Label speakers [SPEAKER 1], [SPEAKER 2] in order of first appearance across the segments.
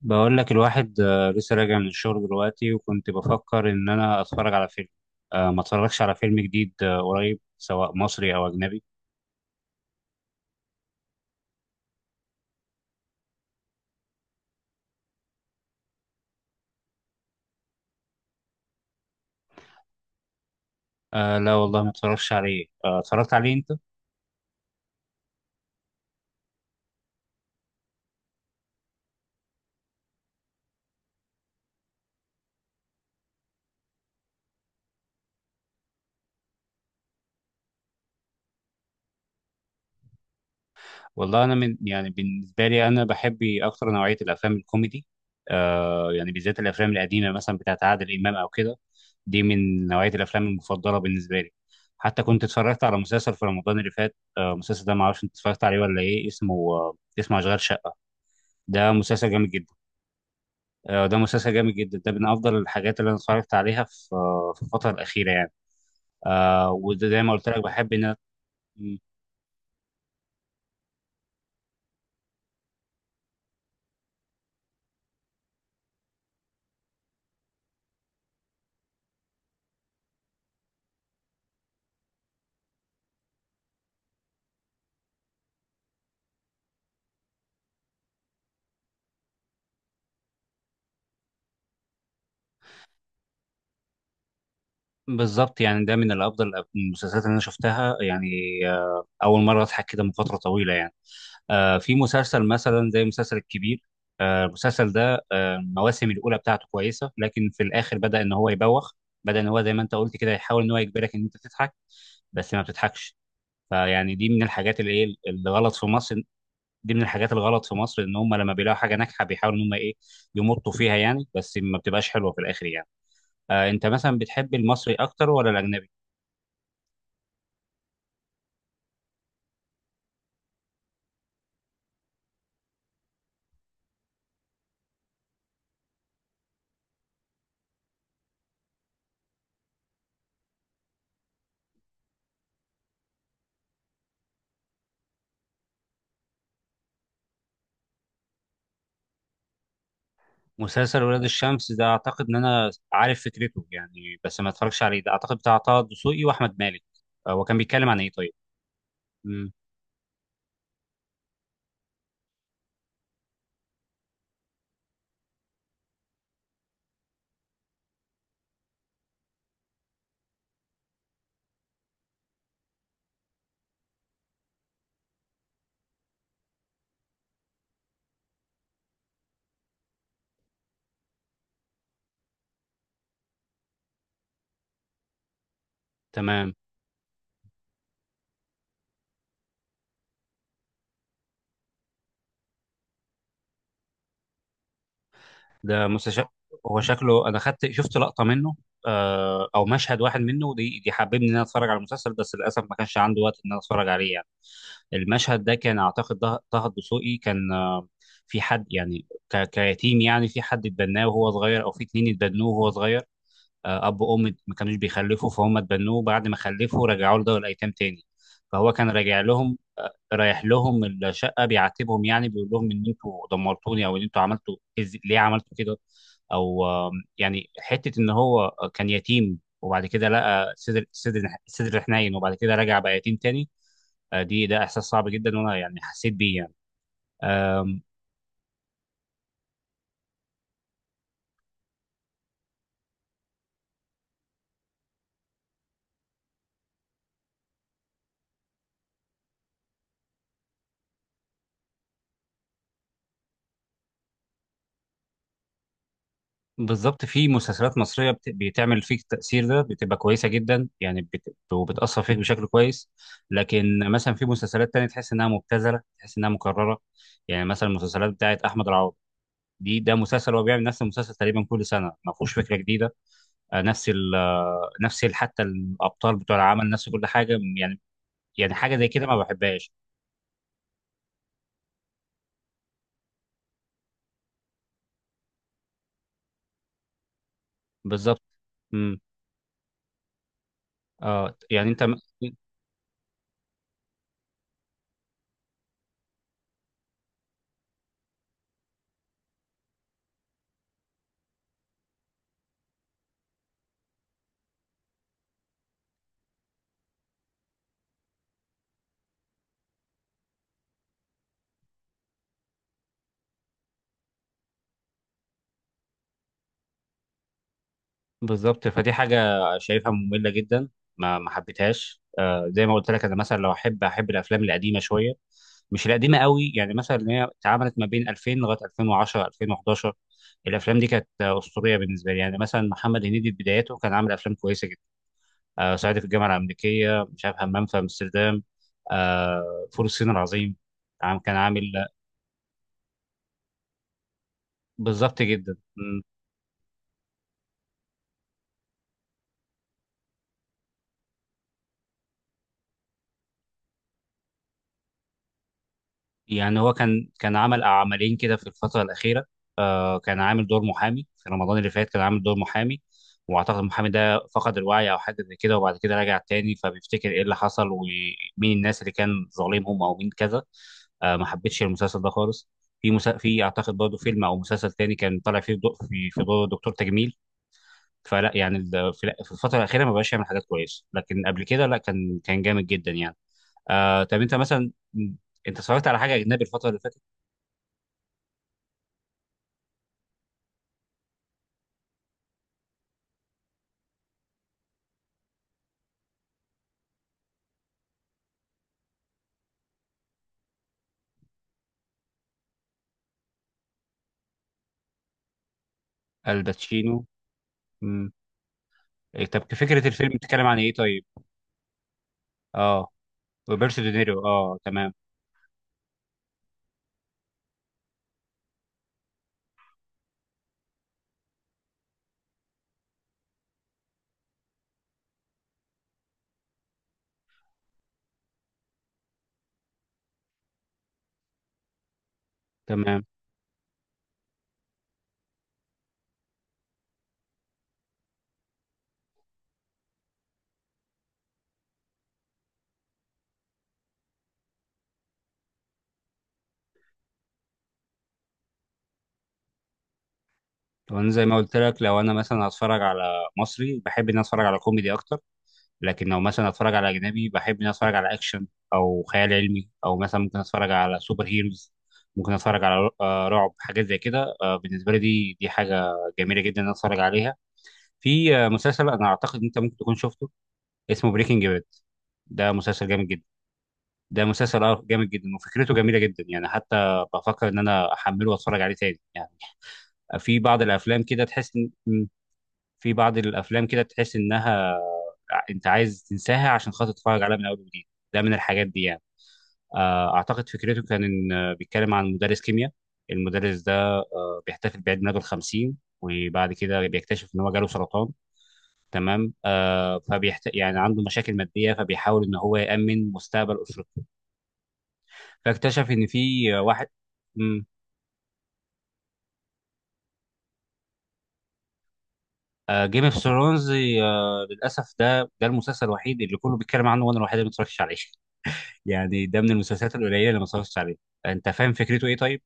[SPEAKER 1] بقول لك الواحد لسه راجع من الشغل دلوقتي وكنت بفكر ان انا اتفرج على فيلم. ما اتفرجش على فيلم جديد قريب سواء مصري او اجنبي. آه لا والله ما اتفرجش عليه، آه اتفرجت عليه انت؟ والله انا من يعني بالنسبه لي انا بحب اكتر نوعيه الافلام الكوميدي. يعني بالذات الافلام القديمه مثلا بتاعت عادل امام او كده، دي من نوعيه الافلام المفضله بالنسبه لي. حتى كنت اتفرجت على مسلسل في رمضان اللي فات، المسلسل ده ما اعرفش انت اتفرجت عليه ولا ايه اسمه، اسمه اشغال شقه. ده مسلسل جامد جدا. ده مسلسل جامد جدا، ده من افضل الحاجات اللي انا اتفرجت عليها في في الفتره الاخيره يعني. آه وده زي ما قلت لك بحب ان بالظبط يعني ده من الافضل المسلسلات اللي انا شفتها يعني. آه، اول مره اضحك كده من فتره طويله يعني. آه في مسلسل مثلا زي مسلسل الكبير، آه المسلسل ده المواسم الاولى بتاعته كويسه لكن في الاخر بدا ان هو يبوخ. بدا ان هو زي ما انت قلت كده يحاول ان هو يجبرك ان انت تضحك بس ما بتضحكش. فيعني دي من الحاجات اللي ايه اللي غلط في مصر، دي من الحاجات الغلط في مصر ان هم لما بيلاقوا حاجه ناجحه بيحاولوا ان هم ايه، يمطوا فيها يعني بس ما بتبقاش حلوه في الاخر يعني. آه انت مثلا بتحب المصري اكتر ولا الاجنبي؟ مسلسل ولاد الشمس ده اعتقد ان انا عارف فكرته يعني، بس ما اتفرجش عليه. ده اعتقد بتاع طه الدسوقي واحمد مالك. آه هو كان بيتكلم عن ايه طيب؟ مم. تمام. ده مسلسل، هو شكله، انا شفت لقطه منه، آه او مشهد واحد منه، دي حببني ان انا اتفرج على المسلسل، بس للاسف ما كانش عندي وقت ان انا اتفرج عليه يعني. المشهد ده كان اعتقد طه الدسوقي كان في حد يعني كيتيم، يعني في حد اتبناه وهو صغير او في اتنين اتبنوه وهو صغير، اب وام ما كانوش بيخلفوا فهم اتبنوه، بعد ما خلفوا رجعوا له دار الايتام تاني. فهو كان راجع لهم، رايح لهم الشقه بيعاتبهم، يعني بيقول لهم ان انتوا دمرتوني او ان انتوا عملتوا ليه عملتوا كده. او آم، يعني حته ان هو كان يتيم وبعد كده لقى صدر صدر حنين، وبعد كده رجع بقى يتيم تاني. آه، دي ده احساس صعب جدا، وانا يعني حسيت بيه يعني. آم، بالظبط، في مسلسلات مصريه بتعمل فيك التاثير ده بتبقى كويسه جدا، يعني وبتاثر فيك بشكل كويس. لكن مثلا في مسلسلات تانية تحس انها مبتذله، تحس انها مكرره. يعني مثلا المسلسلات بتاعت احمد العوضي، دي ده مسلسل هو بيعمل نفس المسلسل تقريبا كل سنه، ما فيهوش فكره جديده. آه، حتى الابطال بتوع العمل نفس كل حاجه يعني. يعني حاجه زي كده ما بحبهاش. بالظبط. امم اه يعني انت، بالظبط فدي حاجة شايفها مملة جدا. ما حبيتهاش. آه زي ما قلت لك، أنا مثلا لو أحب، الأفلام القديمة شوية، مش القديمة قوي. يعني مثلا إن هي اتعملت ما بين 2000 لغاية 2010 2011، الأفلام دي كانت أسطورية بالنسبة لي. يعني مثلا محمد هنيدي في بداياته كان عامل أفلام كويسة جدا، آه صعيدي في الجامعة الأمريكية، مش عارف همام في أمستردام، آه فول الصين العظيم. كان عامل. بالظبط جدا. يعني هو كان عمل عملين كده في الفترة الأخيرة، آه كان عامل دور محامي في رمضان اللي فات، كان عامل دور محامي، وأعتقد المحامي ده فقد الوعي أو حاجة زي كده، وبعد كده رجع تاني فبيفتكر إيه اللي حصل ومين الناس اللي كان ظالمهم أو مين كذا. آه ما حبيتش المسلسل ده خالص. في أعتقد برضه فيلم أو مسلسل تاني كان طالع فيه دو... في في دور دكتور تجميل. فلا يعني في الفترة الأخيرة ما بقاش يعمل حاجات كويسة، لكن قبل كده لا، كان جامد جدا يعني. آه طب أنت مثلا أنت اتفرجت على حاجة أجنبي الفترة اللي فاتت؟ الباتشينو. مم. إيه، طب فكرة الفيلم بتتكلم عن ايه طيب؟ اه روبرتو دينيرو، اه تمام. تمام. لو انا زي ما قلت لك، لو انا مثلا هتفرج على مصري بحب ان أنا اتفرج على كوميدي اكتر، لكن لو مثلا هتفرج على اجنبي بحب ان أنا اتفرج على اكشن او خيال علمي، او مثلا ممكن اتفرج على سوبر هيروز، ممكن اتفرج على رعب، حاجات زي كده. آه، بالنسبه لي دي حاجه جميله جدا ان أنا اتفرج عليها. في مسلسل انا اعتقد ان انت ممكن تكون شفته، اسمه بريكنج باد. ده مسلسل جامد جدا. ده مسلسل اه جامد جدا وفكرته جميله جدا، يعني حتى بفكر ان انا احمله واتفرج عليه تاني يعني. في بعض الافلام كده تحس ان م، في بعض الافلام كده تحس انها انت عايز تنساها عشان خاطر تتفرج عليها من اول وجديد. ده من الحاجات دي يعني. اعتقد فكرته كان ان بيتكلم عن مدرس كيمياء. المدرس ده بيحتفل بعيد ميلاده الخمسين، وبعد كده بيكتشف ان هو جاله سرطان. تمام. يعني عنده مشاكل ماديه فبيحاول ان هو يامن مستقبل اسرته، فاكتشف ان في واحد. مم. جيم اوف ثرونز، للاسف ده المسلسل الوحيد اللي كله بيتكلم عنه وانا الوحيد اللي ما اتفرجتش عليه. يعني ده من المسلسلات القليله اللي ما اتفرجتش عليه. انت فاهم فكرته ايه طيب؟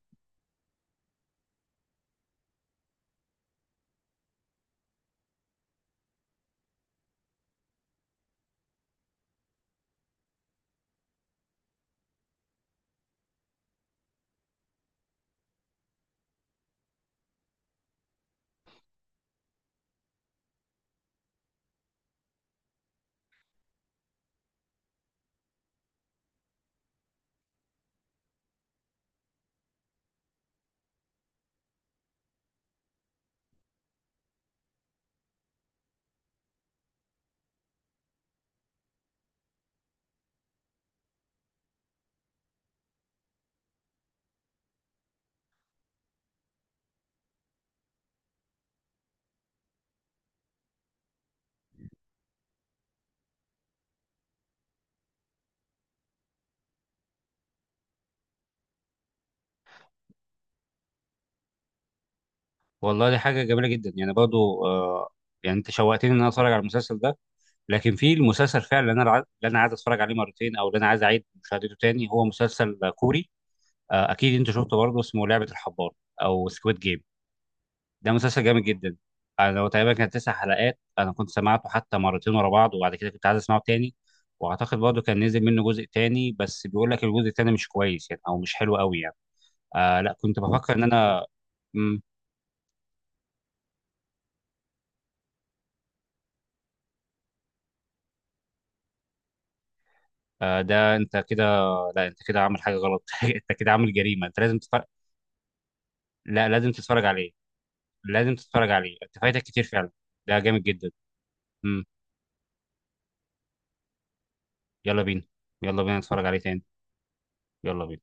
[SPEAKER 1] والله دي حاجه جميله جدا يعني، برضو آه، يعني انت شوقتني ان انا اتفرج على المسلسل ده. لكن في المسلسل فعلا اللي انا عايز اتفرج عليه مرتين، او اللي انا عايز اعيد مشاهدته تاني، هو مسلسل كوري، اكيد انت شفته برضه، اسمه لعبه الحبار او سكويد جيم. ده مسلسل جامد جدا. انا هو تقريبا كان 9 حلقات، انا كنت سمعته حتى مرتين ورا بعض، وبعد كده كنت عايز اسمعه تاني. واعتقد برضه كان نزل منه جزء تاني، بس بيقول لك الجزء التاني مش كويس يعني، او مش حلو قوي يعني. آه لا كنت بفكر ان انا. مم. آه ده انت كده، لا انت كده عامل حاجه غلط. انت كده عامل جريمه، انت لازم تتفرج. لا لازم تتفرج عليه. لازم تتفرج عليه، انت فايتك كتير فعلا. ده جامد جدا. مم. يلا بينا، يلا بينا نتفرج عليه تاني. يلا بينا.